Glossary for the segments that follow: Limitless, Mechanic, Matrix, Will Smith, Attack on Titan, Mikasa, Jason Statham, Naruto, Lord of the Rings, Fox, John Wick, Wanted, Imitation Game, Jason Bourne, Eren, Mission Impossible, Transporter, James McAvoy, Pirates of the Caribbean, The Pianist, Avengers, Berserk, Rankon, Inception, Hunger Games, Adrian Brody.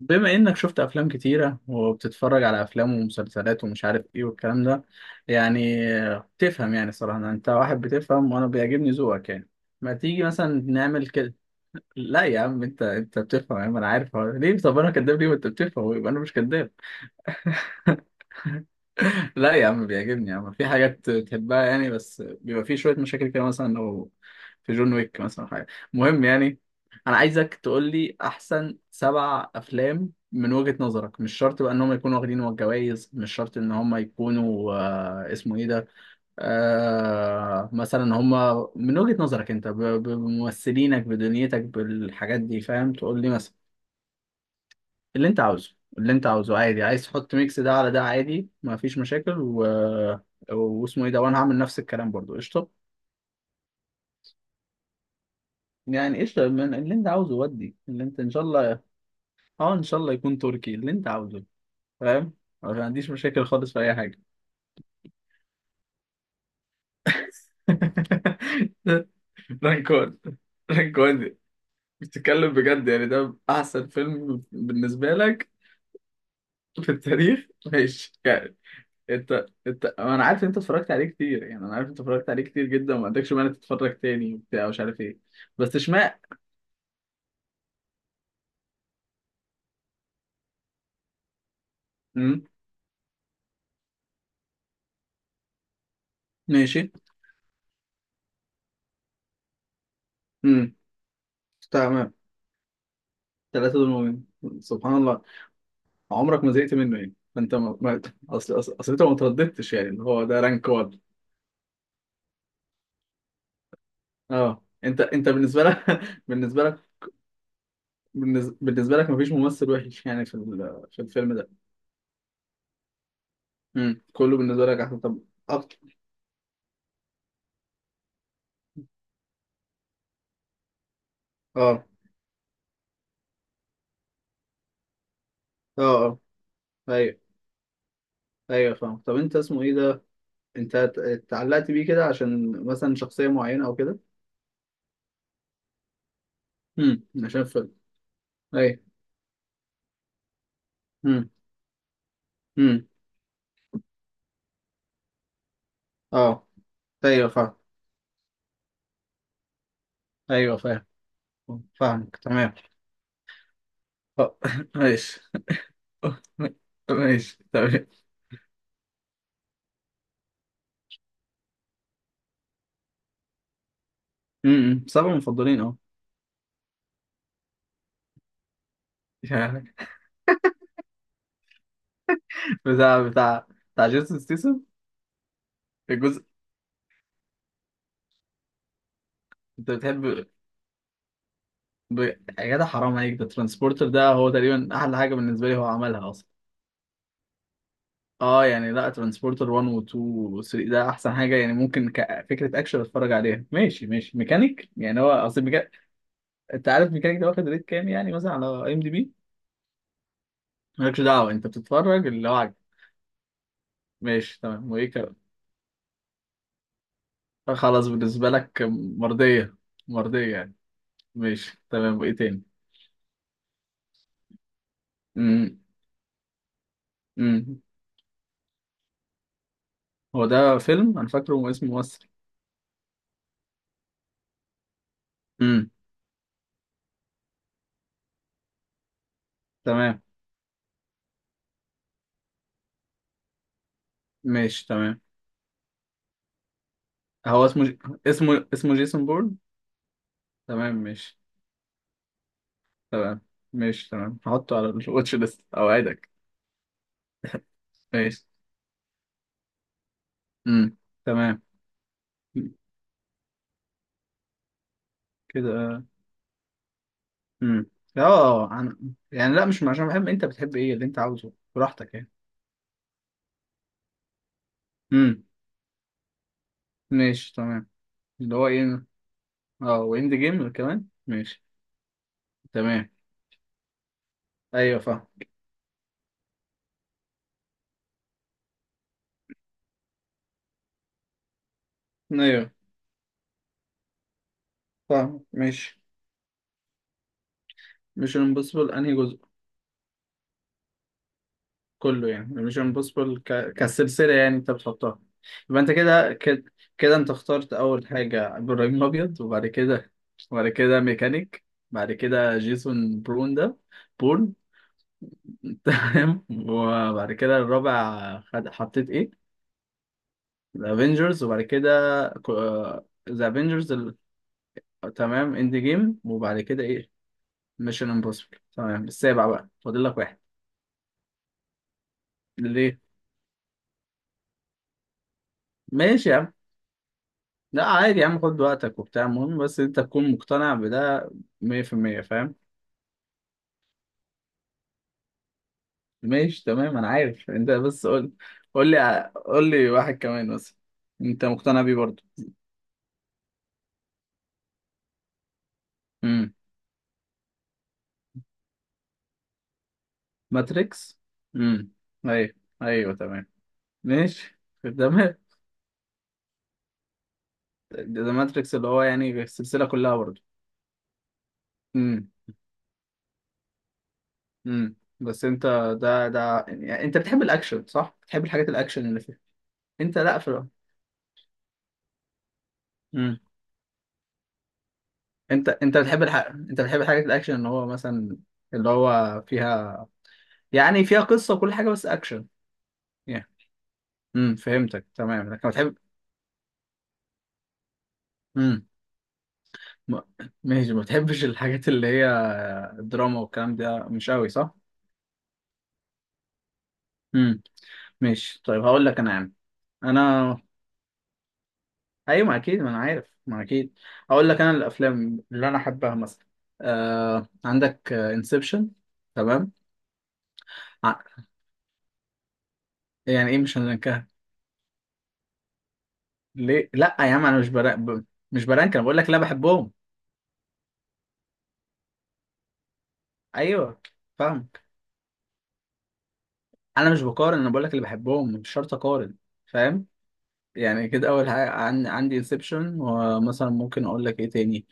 بما انك شفت افلام كتيرة وبتتفرج على افلام ومسلسلات ومش عارف ايه والكلام ده يعني بتفهم. يعني صراحة انت واحد بتفهم وانا بيعجبني ذوقك يعني. ما تيجي مثلا نعمل كده. لا يا عم، انت بتفهم يا عم، انا عارف هو ليه؟ طب انا كداب ليه وانت بتفهم ويبقى انا مش كداب؟ لا يا عم بيعجبني يا عم، في حاجات تحبها يعني، بس بيبقى في شوية مشاكل كده مثلا لو في جون ويك مثلا حاجة مهم يعني. أنا عايزك تقول لي أحسن سبع أفلام من وجهة نظرك، مش شرط بقى إن هم يكونوا واخدين الجوائز، مش شرط إن هم يكونوا اسمه إيه ده، مثلا هم من وجهة نظرك أنت بممثلينك بدنيتك بالحاجات دي، فاهم، تقول لي مثلا. اللي انت عاوزه اللي انت عاوزه عادي، عايز تحط ميكس ده على ده عادي، ما فيش مشاكل واسمه ايه ده، وانا هعمل نفس الكلام برضو قشطه. يعني قشطه، من اللي انت عاوزه ودي اللي انت ان شاء الله. اه ان شاء الله يكون تركي اللي انت عاوزه. فاهم. أنا ما عنديش مشاكل خالص في اي حاجه. رانكون؟ رانكون دي، بتتكلم بجد يعني؟ ده احسن فيلم بالنسبه لك؟ في التاريخ، ماشي. انت، انا عارف انت اتفرجت عليه كتير يعني، انا عارف انت اتفرجت عليه كتير جدا وما عندكش مانع تتفرج تاني وبتاع مش عارف ايه. بس اشمعنى؟ امم. ماشي. امم. تمام. ثلاثة دول مؤمنين. سبحان الله. عمرك ما زهقت منه يعني؟ انت اصل انت ما ترددتش يعني، اللي هو ده رانك 1. اه، انت بالنسبة لك. بالنسبة لك، بالنسبة لك مفيش ممثل وحش يعني في في الفيلم ده؟ امم، كله بالنسبة لك احسن، طب أكتر. اه، اه، اه، ايوه، ايوه فاهم. طب انت اسمه ايه ده، انت اتعلقت بيه كده عشان مثلا شخصية معينة او كده؟ امم، عشان فيلم. ايوه، امم، امم، اه، ايوه فاهم، ايوه فاهم، فاهمك تمام. اه، ماشي. ماشي تمام. سبعة مفضلين اه. يعني بتاع بتاع بتاع جيسون ستيسن. الجزء. انت بتحب ب... يا جدع حرام عليك، ده ترانسبورتر ده هو تقريبا احلى حاجة بالنسبة لي هو عملها اصلا. اه يعني لا، ترانسبورتر 1 و 2 و 3 ده احسن حاجه يعني، ممكن كفكره اكشن اتفرج عليها، ماشي ماشي ميكانيك يعني، هو اصل ميكانيك. انت عارف ميكانيك ده واخد ريت كام يعني مثلا على اي ام دي بي؟ مالكش دعوه، انت بتتفرج اللي هو عاجبك. ماشي تمام، وايه كده؟ خلاص، بالنسبه لك مرضيه. مرضيه يعني. ماشي تمام، وايه تاني؟ امم. امم. هو ده فيلم انا فاكره اسمه مصري. امم. تمام ماشي. تمام. هو اسمه جيسون بورن. تمام ماشي. تمام ماشي تمام، هحطه على الواتش ليست اوعدك. ماشي. امم. تمام. كده. امم. اه يعني لا مش عشان بحب، انت بتحب ايه اللي انت عاوزه براحتك يعني. امم، ماشي تمام. اللي هو ايه؟ اه، واند جيم كمان ماشي تمام. ايوه فاهم، ايوه فاهم، ماشي. مش امبوسيبل انهي جزء؟ كله يعني، مش امبوسيبل كسلسلة يعني انت بتحطها. يبقى انت كده كده. كده انت اخترت اول حاجة ابراهيم الابيض، وبعد كده. وبعد كده ميكانيك. بعد كده جيسون برون ده، بورن. تمام، وبعد كده الرابع حطيت ايه؟ الافينجرز، وبعد كده. ذا افينجرز تمام، اند جيم، وبعد كده ايه؟ ميشن امبوسيبل، تمام، السابع بقى فاضل لك واحد. ليه؟ ماشي يا عم. لا عادي يا عم، خد وقتك وبتاع، المهم بس انت تكون مقتنع بده 100%، فاهم. ماشي تمام، انا عارف انت، بس قول، قول لي قول لي واحد كمان بس، انت مقتنع بيه برضه. امم. ماتريكس. امم. ايوه. ايوه تمام. ماشي تمام. ده ماتريكس اللي هو يعني السلسلة كلها برضه؟ امم، امم، بس انت، ده يعني انت بتحب الاكشن صح؟ بتحب الحاجات الاكشن اللي فيها. انت لا في. امم. انت بتحب الحاجة، انت بتحب الحاجات الاكشن ان هو مثلا اللي هو فيها يعني، فيها قصة وكل حاجة بس اكشن يعني. امم، فهمتك تمام، لكن بتحب. امم. م- ماشي، ما بتحبش الحاجات اللي هي الدراما والكلام ده مش قوي صح؟ امم. ماشي طيب، هقول لك انا يا عم. انا ايوه، ما اكيد، ما انا عارف، ما اكيد. هقول لك انا الافلام اللي انا احبها مثلا، عندك انسبشن. تمام. ع- يعني ايه مش ليه؟ لا يا عم انا مش مش برانك، انا بقول لك اللي انا بحبهم. ايوه فاهم. انا مش بقارن، انا بقول لك اللي بحبهم، مش شرط اقارن. فاهم. يعني كده اول حاجه عندي انسبشن. ومثلا ممكن اقول لك ايه تاني،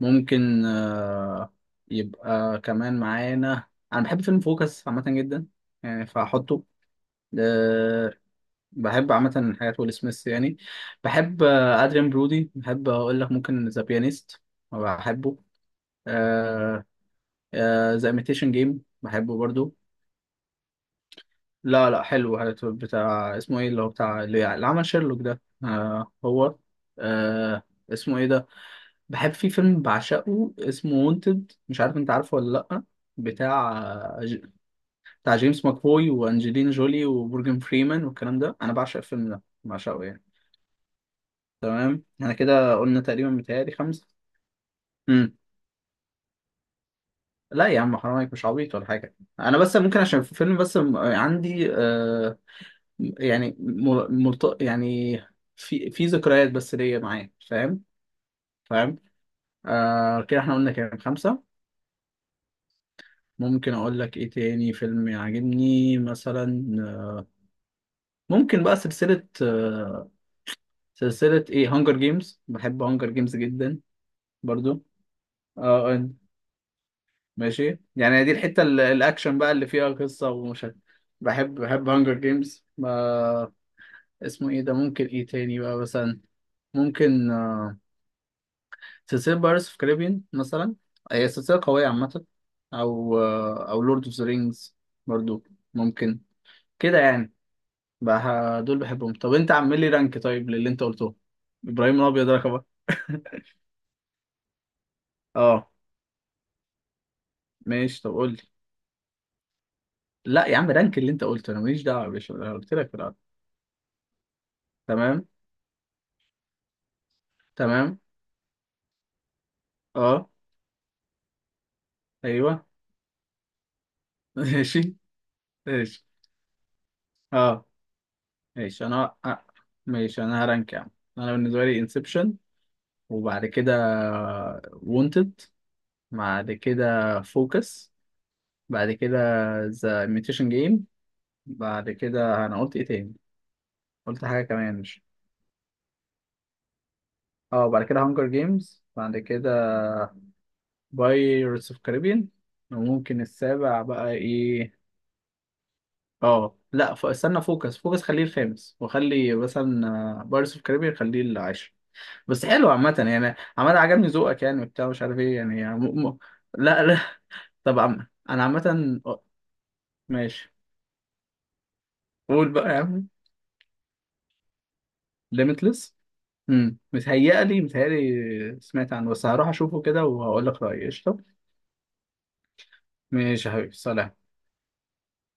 ممكن يبقى كمان معانا انا بحب فيلم فوكس عامه جدا يعني، فهحطه. آه... بحب عامه حاجات ويل سميث يعني، بحب ادريان برودي، بحب اقول لك ممكن ذا بيانيست، بحبه. ذا ايميتيشن جيم بحبه برضو. لا لا حلو بتاع اسمه ايه اللي هو بتاع اللي عمل شيرلوك ده، آه هو. آه اسمه ايه ده. بحب في فيلم بعشقه اسمه وونتد، مش عارف انت عارفه ولا لا، بتاع ج- بتاع جيمس ماكفوي وانجلينا جولي ومورجان فريمان والكلام ده، انا بعشق الفيلم ده بعشقه يعني. تمام، احنا كده قلنا تقريبا متهيألي خمسة. امم. لا يا عم حرام عليك، مش عبيط ولا حاجة، انا بس ممكن عشان في فيلم بس عندي يعني يعني في ذكريات بس ليا معاه، فاهم. فاهم. آه كده احنا قلنا كام، خمسة. ممكن اقول لك ايه تاني فيلم يعجبني مثلا، ممكن بقى سلسلة آه. سلسلة ايه، هانجر جيمز، بحب هانجر جيمز جدا، برضو. اه، ماشي يعني دي الحتة الاكشن بقى اللي فيها قصة ومش عارف. بحب هانجر جيمز ما، اسمه ايه ده، ممكن ايه تاني بقى مثلا، ممكن سلسلة بايرتس في كاريبيان مثلا، هي سلسلة قوية عامة. أو أو لورد أوف ذا رينجز برضو، ممكن كده يعني. بقى دول بحبهم، طب أنت عامل لي رانك طيب للي أنت قلته، إبراهيم الأبيض رقم واحد. أه، ماشي طب قول لي. لا يا عم رانك اللي أنت قلته، أنا ماليش دعوة يا باشا، أنا قلت لك في الأول. تمام. تمام. أه. أيوه. ماشي. ماشي. أه، ماشي. أنا أه. ماشي أنا هرانك يا عم، أنا بالنسبة لي انسبشن، وبعد كده وونتد، بعد كده فوكس، بعد كده ذا imitation جيم، بعد كده انا قلت ايه تاني، قلت حاجه كمان مش. اه، بعد كده هانجر جيمز، بعد كده بايرتس اوف كاريبيان، وممكن السابع بقى ايه. اه لا استنى، فوكس خليه الخامس، وخلي مثلا بايرتس اوف كاريبيان خليه العاشر. بس حلو عامه يعني، عامه عجبني ذوقك يعني وبتاع مش عارف ايه يعني لا لا. طب انا عامه ماشي. قول بقى يا عم. limitless. امم. متهيألي سمعت عنه، بس هروح اشوفه كده وهقول لك رأيي، قشطة. ماشي يا حبيبي، سلام.